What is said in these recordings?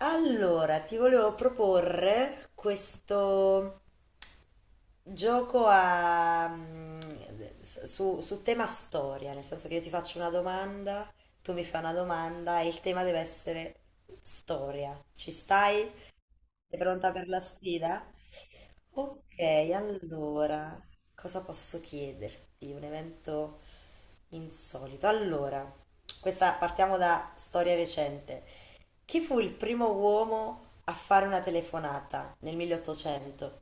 Allora, ti volevo proporre questo gioco su tema storia, nel senso che io ti faccio una domanda, tu mi fai una domanda e il tema deve essere storia. Ci stai? Sei pronta per la sfida? Ok, allora, cosa posso chiederti? Un evento insolito. Allora, questa partiamo da storia recente. Chi fu il primo uomo a fare una telefonata nel 1800?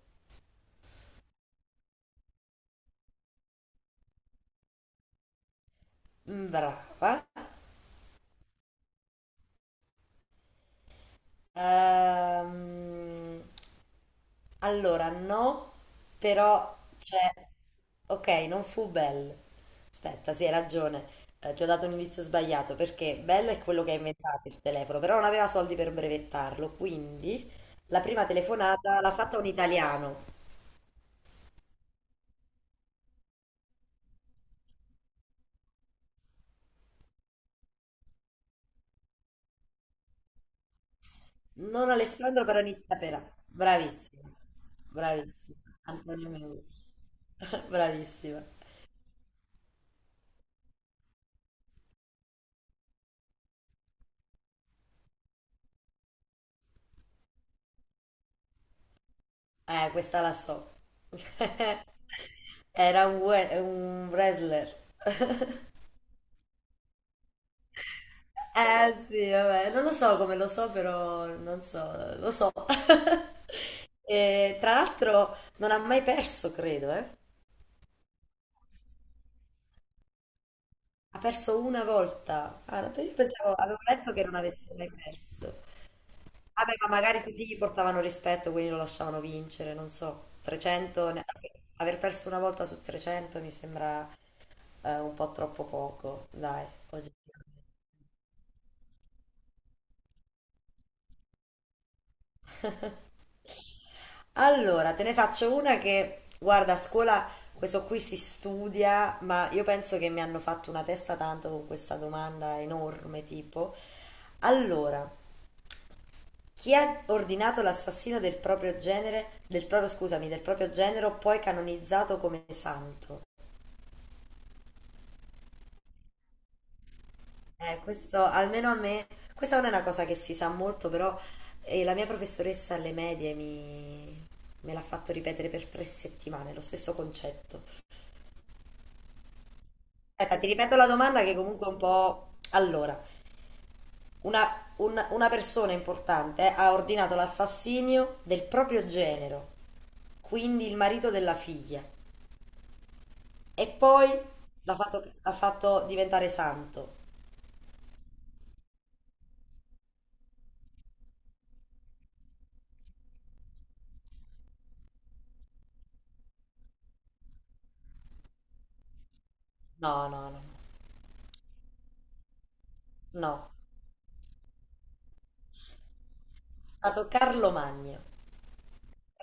Mm, brava. Ehm, allora, no, però c'è. Ok, non fu Bell. Aspetta, sì, hai ragione. Ti ho dato un inizio sbagliato perché Bell è quello che ha inventato il telefono, però non aveva soldi per brevettarlo, quindi la prima telefonata l'ha fatta un italiano. Non Alessandro Caronizza Pera. Bravissima. Bravissima. Antonio Meucci. Bravissima. Questa la so. Era un wrestler. Eh sì, vabbè, non lo so come lo so, però non so, lo so. E, tra l'altro non ha mai perso, credo, eh. Ha perso una volta. Ah, io pensavo, avevo letto che non avesse mai perso. Vabbè, ma magari tutti gli portavano rispetto, quindi lo lasciavano vincere, non so, 300, aver perso una volta su 300 mi sembra un po' troppo poco, dai. Allora, te ne faccio una che, guarda, a scuola questo qui si studia, ma io penso che mi hanno fatto una testa tanto con questa domanda enorme, tipo, allora, chi ha ordinato l'assassino del proprio genere, del proprio, scusami, del proprio genero, poi canonizzato come santo? Questo almeno a me, questa non è una cosa che si sa molto, però la mia professoressa alle medie me l'ha fatto ripetere per tre settimane, lo stesso concetto. Aspetta, ti ripeto la domanda che comunque è un po'. Allora, una persona importante ha ordinato l'assassinio del proprio genero, quindi il marito della figlia, e poi l'ha fatto diventare santo. No, no, no, no, no, è stato Carlo Magno.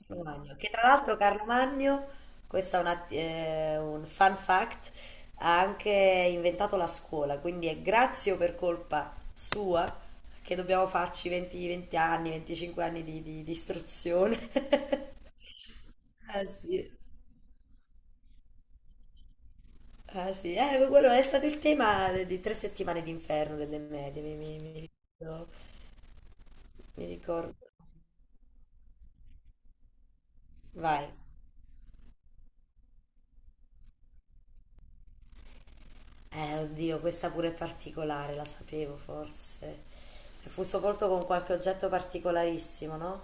Carlo Magno, che tra l'altro Carlo Magno, questo è un fun fact, ha anche inventato la scuola, quindi è grazie o per colpa sua che dobbiamo farci 20 anni, 25 anni di istruzione. Ah sì, ah, sì. Quello è stato il tema di tre settimane d'inferno delle medie, mi ricordo, mi ricordo. Vai. Oddio, questa pure è particolare, la sapevo forse. E fu sepolto con qualche oggetto particolarissimo, no?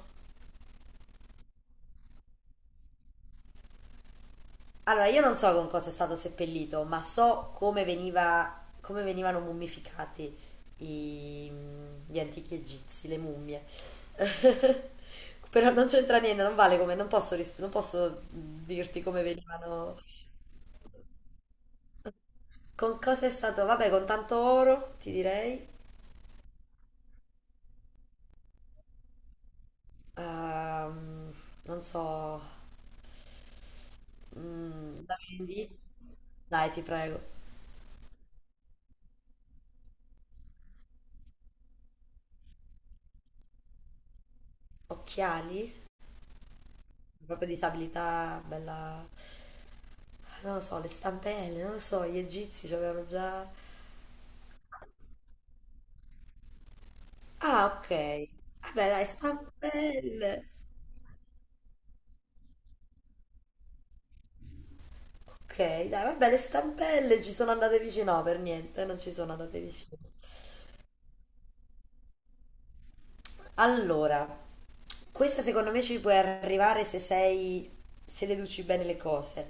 Allora, io non so con cosa è stato seppellito, ma so come veniva, come venivano mummificati i- gli antichi egizi, le mummie. Però non c'entra niente, non vale come, non posso, non posso dirti come venivano. Con cosa è stato? Vabbè, con tanto oro, ti direi. Ehm, Non so. Dammi un indizio. Dai, ti prego. Occhiali? Proprio disabilità, bella. Ah, non lo so, le stampelle, non lo so, gli egizi ci avevano già. Ah, ok. Vabbè, dai, stampelle. Ok, dai, vabbè, le stampelle ci sono andate vicino. No, per niente, non ci sono andate vicino. Allora, questa secondo me ci puoi arrivare se sei, se deduci bene le cose.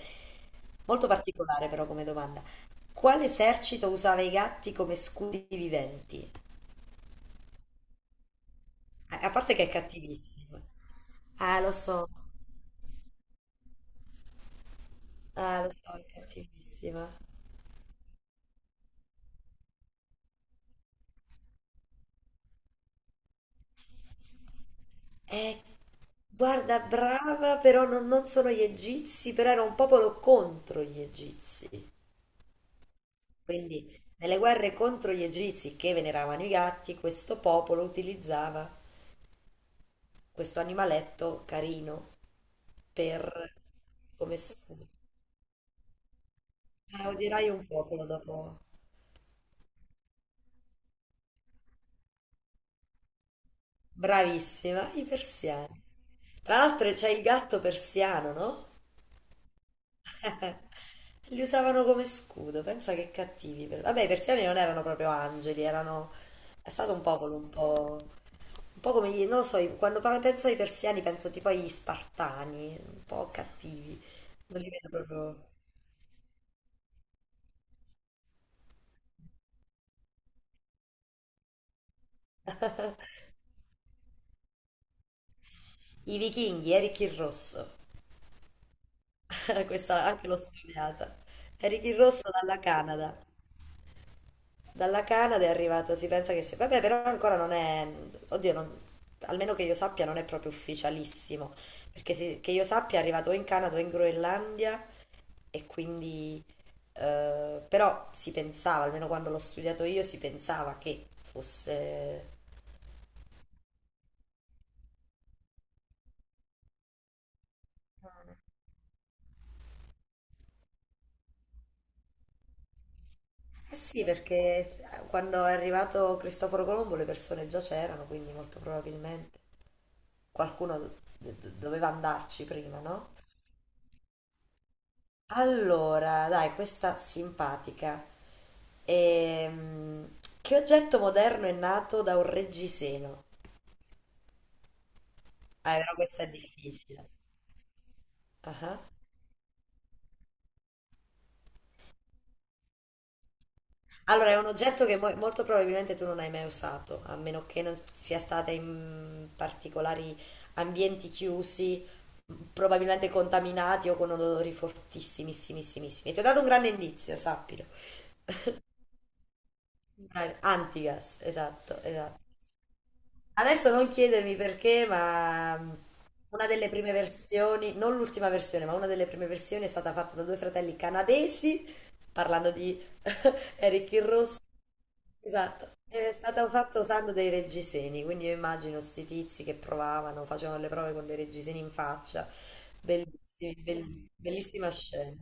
Molto particolare però come domanda. Quale esercito usava i gatti come scudi viventi? A parte che è cattivissima. Ah, lo so, ah, lo so, è cattivissima. Eh, guarda, brava, però non, non sono gli egizi, però era un popolo contro gli egizi. Quindi, nelle guerre contro gli egizi che veneravano i gatti, questo popolo utilizzava questo animaletto carino per come scudo. Odierai un popolo dopo. Bravissima, i persiani. Tra l'altro c'è il gatto persiano, no? Li usavano come scudo, pensa che cattivi. Vabbè, i persiani non erano proprio angeli, erano. È stato un popolo un po'. Un po' come gli. Non lo so, quando penso ai persiani penso tipo agli spartani, un po' cattivi. Non li vedo proprio. I vichinghi, Eric il Rosso. Questa anche l'ho studiata. Ricky Rosso dalla Canada. Dalla Canada è arrivato, si pensa che sia. Vabbè, però ancora non è. Oddio, almeno che io sappia non è proprio ufficialissimo, perché che io sappia è arrivato o in Canada o in Groenlandia e quindi. Eh, però si pensava, almeno quando l'ho studiato io, si pensava che fosse. Eh sì, perché quando è arrivato Cristoforo Colombo le persone già c'erano, quindi molto probabilmente qualcuno doveva andarci prima, no? Allora, dai, questa simpatica. Che oggetto moderno è nato da un reggiseno? Ah, però questa è difficile. Ah. Allora, è un oggetto che molto probabilmente tu non hai mai usato, a meno che non sia stata in particolari ambienti chiusi, probabilmente contaminati o con odori fortissimissimi. Ti ho dato un grande indizio, sappilo. Bravi. Antigas, esatto, esatto. Adesso non chiedermi perché, ma una delle prime versioni, non l'ultima versione, ma una delle prime versioni è stata fatta da due fratelli canadesi, parlando di Eric il Rosso. Esatto, è stato fatto usando dei reggiseni, quindi io immagino sti tizi che provavano, facevano le prove con dei reggiseni in faccia. Bellissimi, bellissima scena.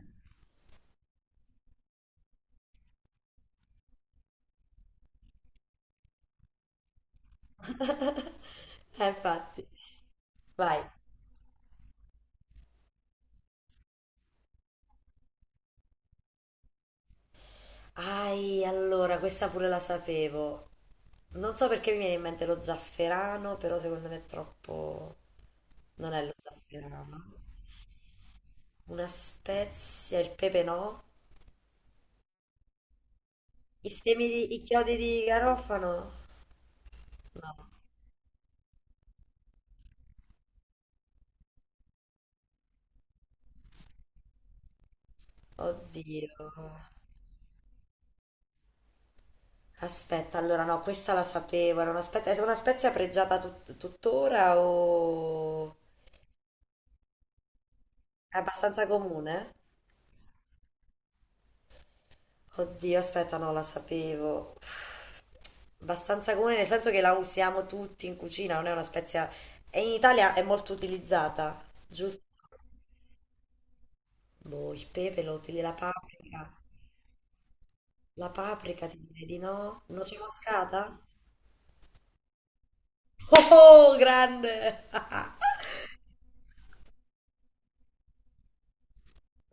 Infatti. Vai. Ai, allora, questa pure la sapevo. Non so perché mi viene in mente lo zafferano, però secondo me è troppo. Non è lo zafferano. Una spezia, il pepe no. I chiodi di garofano? No. Oddio. Aspetta, allora no, questa la sapevo. Era una spezia, è una spezia pregiata tuttora o. È abbastanza comune? Oddio, aspetta, no, la sapevo. Abbastanza comune nel senso che la usiamo tutti in cucina, non è una spezia. E in Italia è molto utilizzata, giusto? Boh, il pepe lo utilizzi, la paprika. La paprika ti direi di no? Noce moscata? Oh, grande!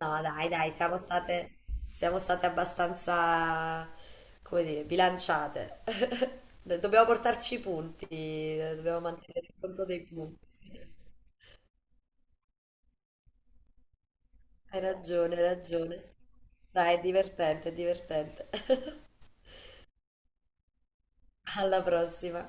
No, dai, dai, siamo state abbastanza, come dire, bilanciate. Dobbiamo portarci i punti, dobbiamo mantenere il conto dei punti. Hai ragione, hai ragione. Dai, è divertente, è divertente. Alla prossima.